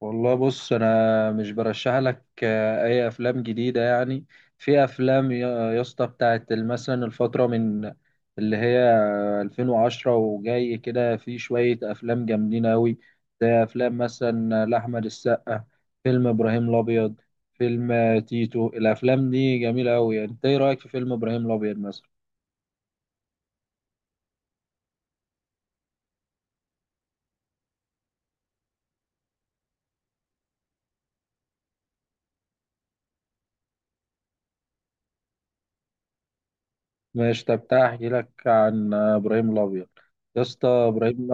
والله بص انا مش برشح لك اي افلام جديده يعني. في افلام يا اسطى بتاعت مثلا الفتره من اللي هي 2010 وجاي كده، في شويه افلام جامدين قوي زي افلام مثلا لاحمد السقا، فيلم ابراهيم الابيض، فيلم تيتو. الافلام دي جميله قوي، انت ايه رايك في فيلم ابراهيم الابيض مثلا؟ ماشي، طب تعالى احكي لك عن ابراهيم الابيض. يا اسطى ابراهيم،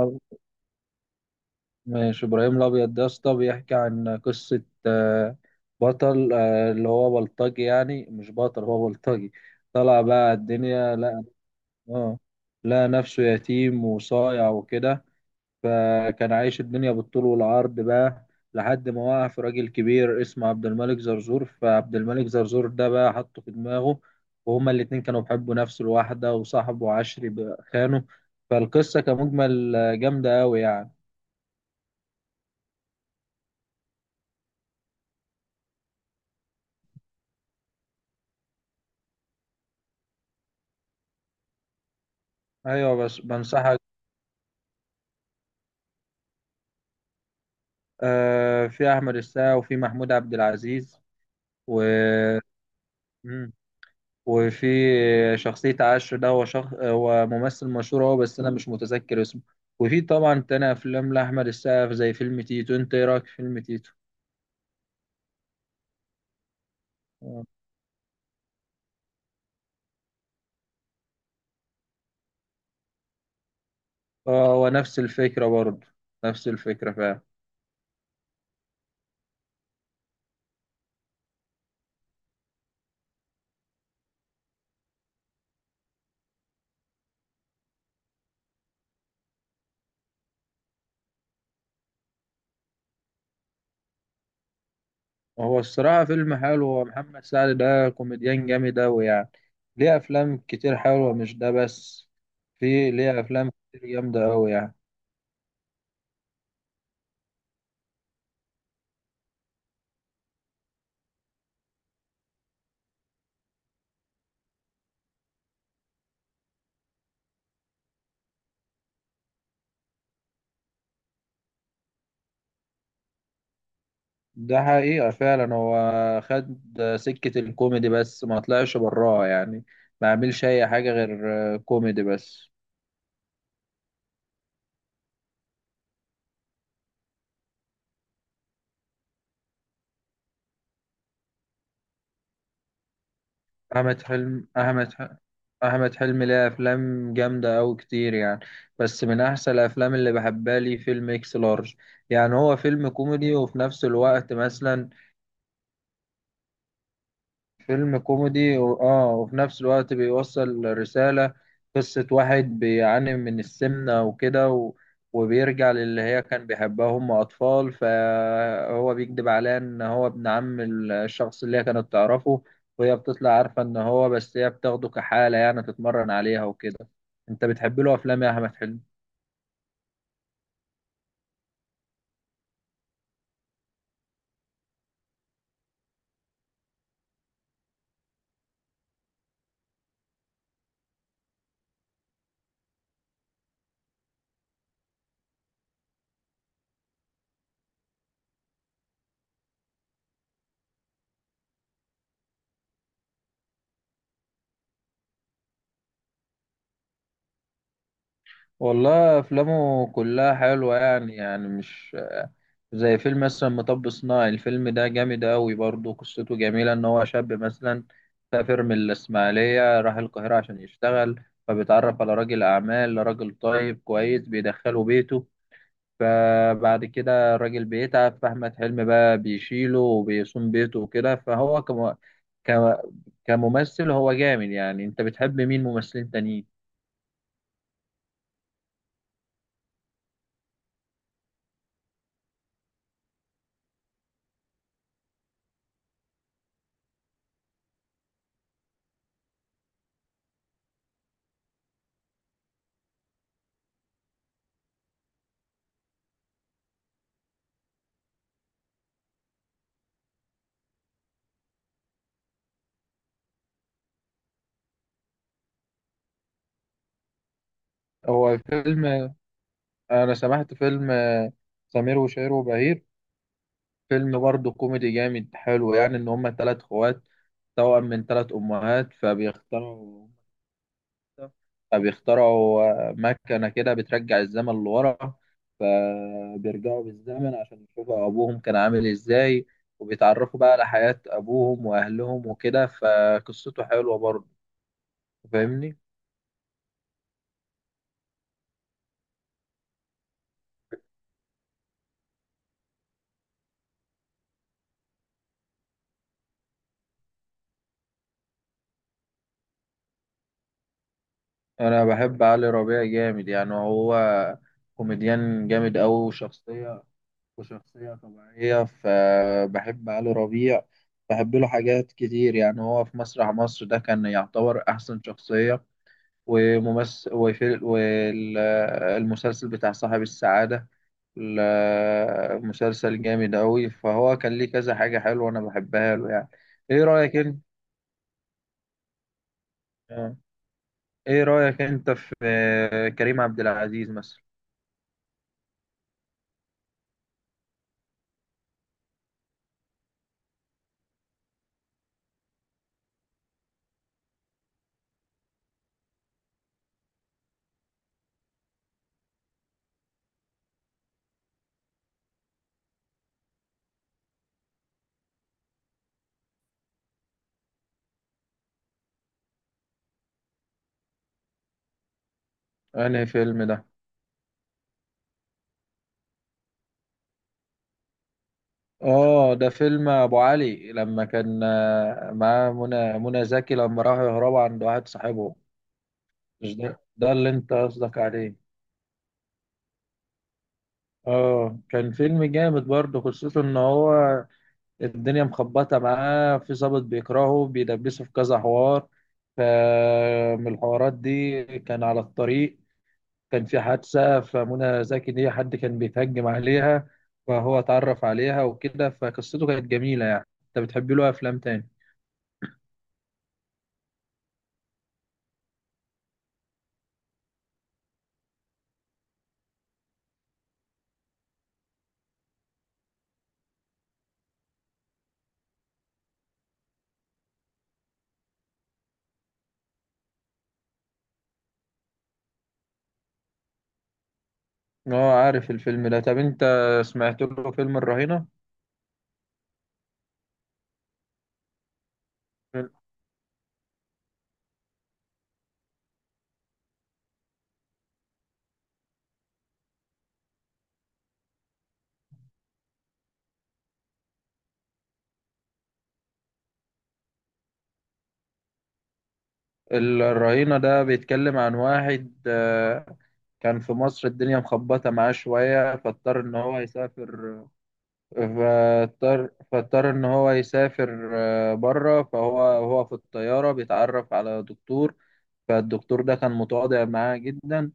ماشي ابراهيم الابيض ده يا اسطى بيحكي عن قصه بطل، اللي هو بلطجي، يعني مش بطل هو بلطجي. طلع بقى الدنيا لقى، اه لقى نفسه يتيم وصايع وكده، فكان عايش الدنيا بالطول والعرض بقى لحد ما وقع في راجل كبير اسمه عبد الملك زرزور. فعبد الملك زرزور ده بقى حطه في دماغه، وهما الاتنين كانوا بيحبوا نفس الواحدة وصاحبه عشري بقى خانه. فالقصة كمجمل جامدة أوي يعني. أيوة بس بنصحك. آه في أحمد السقا وفي محمود عبد العزيز، و مم. وفي شخصية عشر ده هو هو ممثل مشهور هو، بس أنا مش متذكر اسمه. وفي طبعا تاني أفلام لأحمد السقا زي فيلم تيتو. أنت إيه رأيك في فيلم تيتو؟ آه، هو نفس الفكرة برضه، نفس الفكرة فعلا. هو الصراحة فيلم حلو، هو محمد سعد ده كوميديان جامد أوي يعني، ليه أفلام كتير حلوة مش ده بس، في ليه أفلام كتير جامدة أوي يعني. ده حقيقة فعلا هو خد سكة الكوميدي بس ما طلعش براها يعني، ما عملش أي حاجة غير كوميدي بس. أحمد حلم أحمد ح- أحمد حلمي ليه أفلام جامدة أوي كتير يعني، بس من أحسن الأفلام اللي بحبها لي فيلم إكس لارج. يعني هو فيلم كوميدي وفي نفس الوقت مثلا، فيلم كوميدي اه وفي نفس الوقت بيوصل رسالة. قصة واحد بيعاني من السمنة وكده وبيرجع للي هي كان بيحبها، هم أطفال، فهو بيكذب عليها إن هو ابن عم الشخص اللي هي كانت تعرفه. وهي بتطلع عارفة إن هو، بس هي بتاخده كحالة يعني تتمرن عليها وكده. أنت بتحب له أفلام يا أحمد حلمي؟ والله أفلامه كلها حلوة يعني، يعني مش زي فيلم مثلا مطب صناعي. الفيلم ده جامد أوي برضه، قصته جميلة إن هو شاب مثلا سافر من الإسماعيلية راح القاهرة عشان يشتغل، فبيتعرف على راجل أعمال راجل طيب كويس بيدخله بيته. فبعد كده الراجل بيتعب فأحمد حلمي بقى بيشيله وبيصوم بيته وكده. فهو ك... كممثل هو جامد يعني. أنت بتحب مين ممثلين تانيين؟ هو فيلم، أنا سمعت فيلم سمير وشهير وبهير، فيلم برضه كوميدي جامد حلو يعني، ان هما تلات اخوات توأم من تلات امهات، فبيخترعوا مكنة كده بترجع الزمن لورا، فبيرجعوا بالزمن عشان يشوفوا ابوهم كان عامل ازاي، وبيتعرفوا بقى على حياة ابوهم واهلهم وكده، فقصته حلوة برضه، فاهمني. انا بحب علي ربيع جامد يعني، هو كوميديان جامد أوي وشخصية طبيعية، فبحب علي ربيع، بحب له حاجات كتير يعني. هو في مسرح مصر ده كان يعتبر أحسن شخصية وممثل، وفي والمسلسل بتاع صاحب السعادة، مسلسل جامد أوي، فهو كان ليه كذا حاجة حلوة أنا بحبها له يعني. إيه رأيك أنت؟ آه. إيه رأيك أنت في كريم عبد العزيز مثلا؟ أنهي فيلم ده؟ اه ده فيلم ابو علي، لما كان معاه منى زكي، لما راحوا يهربوا عند واحد صاحبه. مش ده ده اللي انت قصدك عليه؟ اه كان فيلم جامد برضه، خصوصا ان هو الدنيا مخبطه معاه، في ظابط بيكرهه بيدبسه في كذا حوار. فمن الحوارات دي كان على الطريق، كان في حادثه فمنى زكي دي حد كان بيتهجم عليها، فهو اتعرف عليها وكده، فقصته كانت جميله يعني. انت بتحب له افلام تاني؟ اه عارف الفيلم ده. طب انت سمعت له فيلم الرهينة؟ ال- الرهينة ده بيتكلم عن واحد كان في مصر الدنيا مخبطة معاه شوية، فاضطر إن هو يسافر، فاضطر إن هو يسافر بره. فهو وهو في الطيارة بيتعرف على دكتور، فالدكتور ده كان متواضع معاه جدا،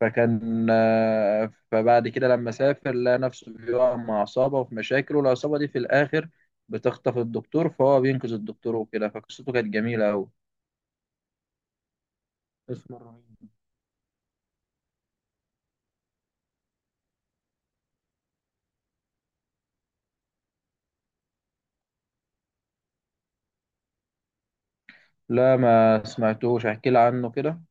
فكان فبعد كده لما سافر لقى نفسه بيقع مع عصابة وفي مشاكل، والعصابة دي في الآخر بتخطف الدكتور، فهو بينقذ الدكتور وكده، فقصته كانت جميلة أوي. اسمه الرهيب. لا ما سمعتوش، احكي لي عنه كده.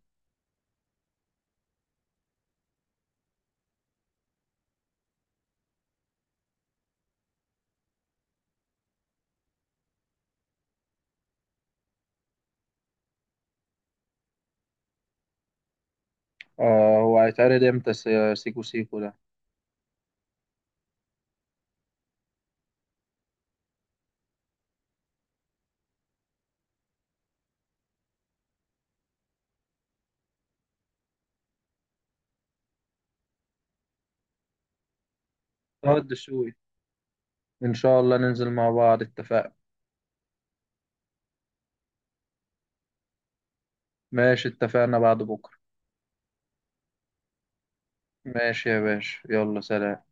آه هو هيتعرض امتى سيكو سيكو ده؟ طه الدسوقي. ان شاء الله ننزل مع بعض، اتفقنا. ماشي اتفقنا، بعد بكرة. ماشي يا باشا، يلا سلام.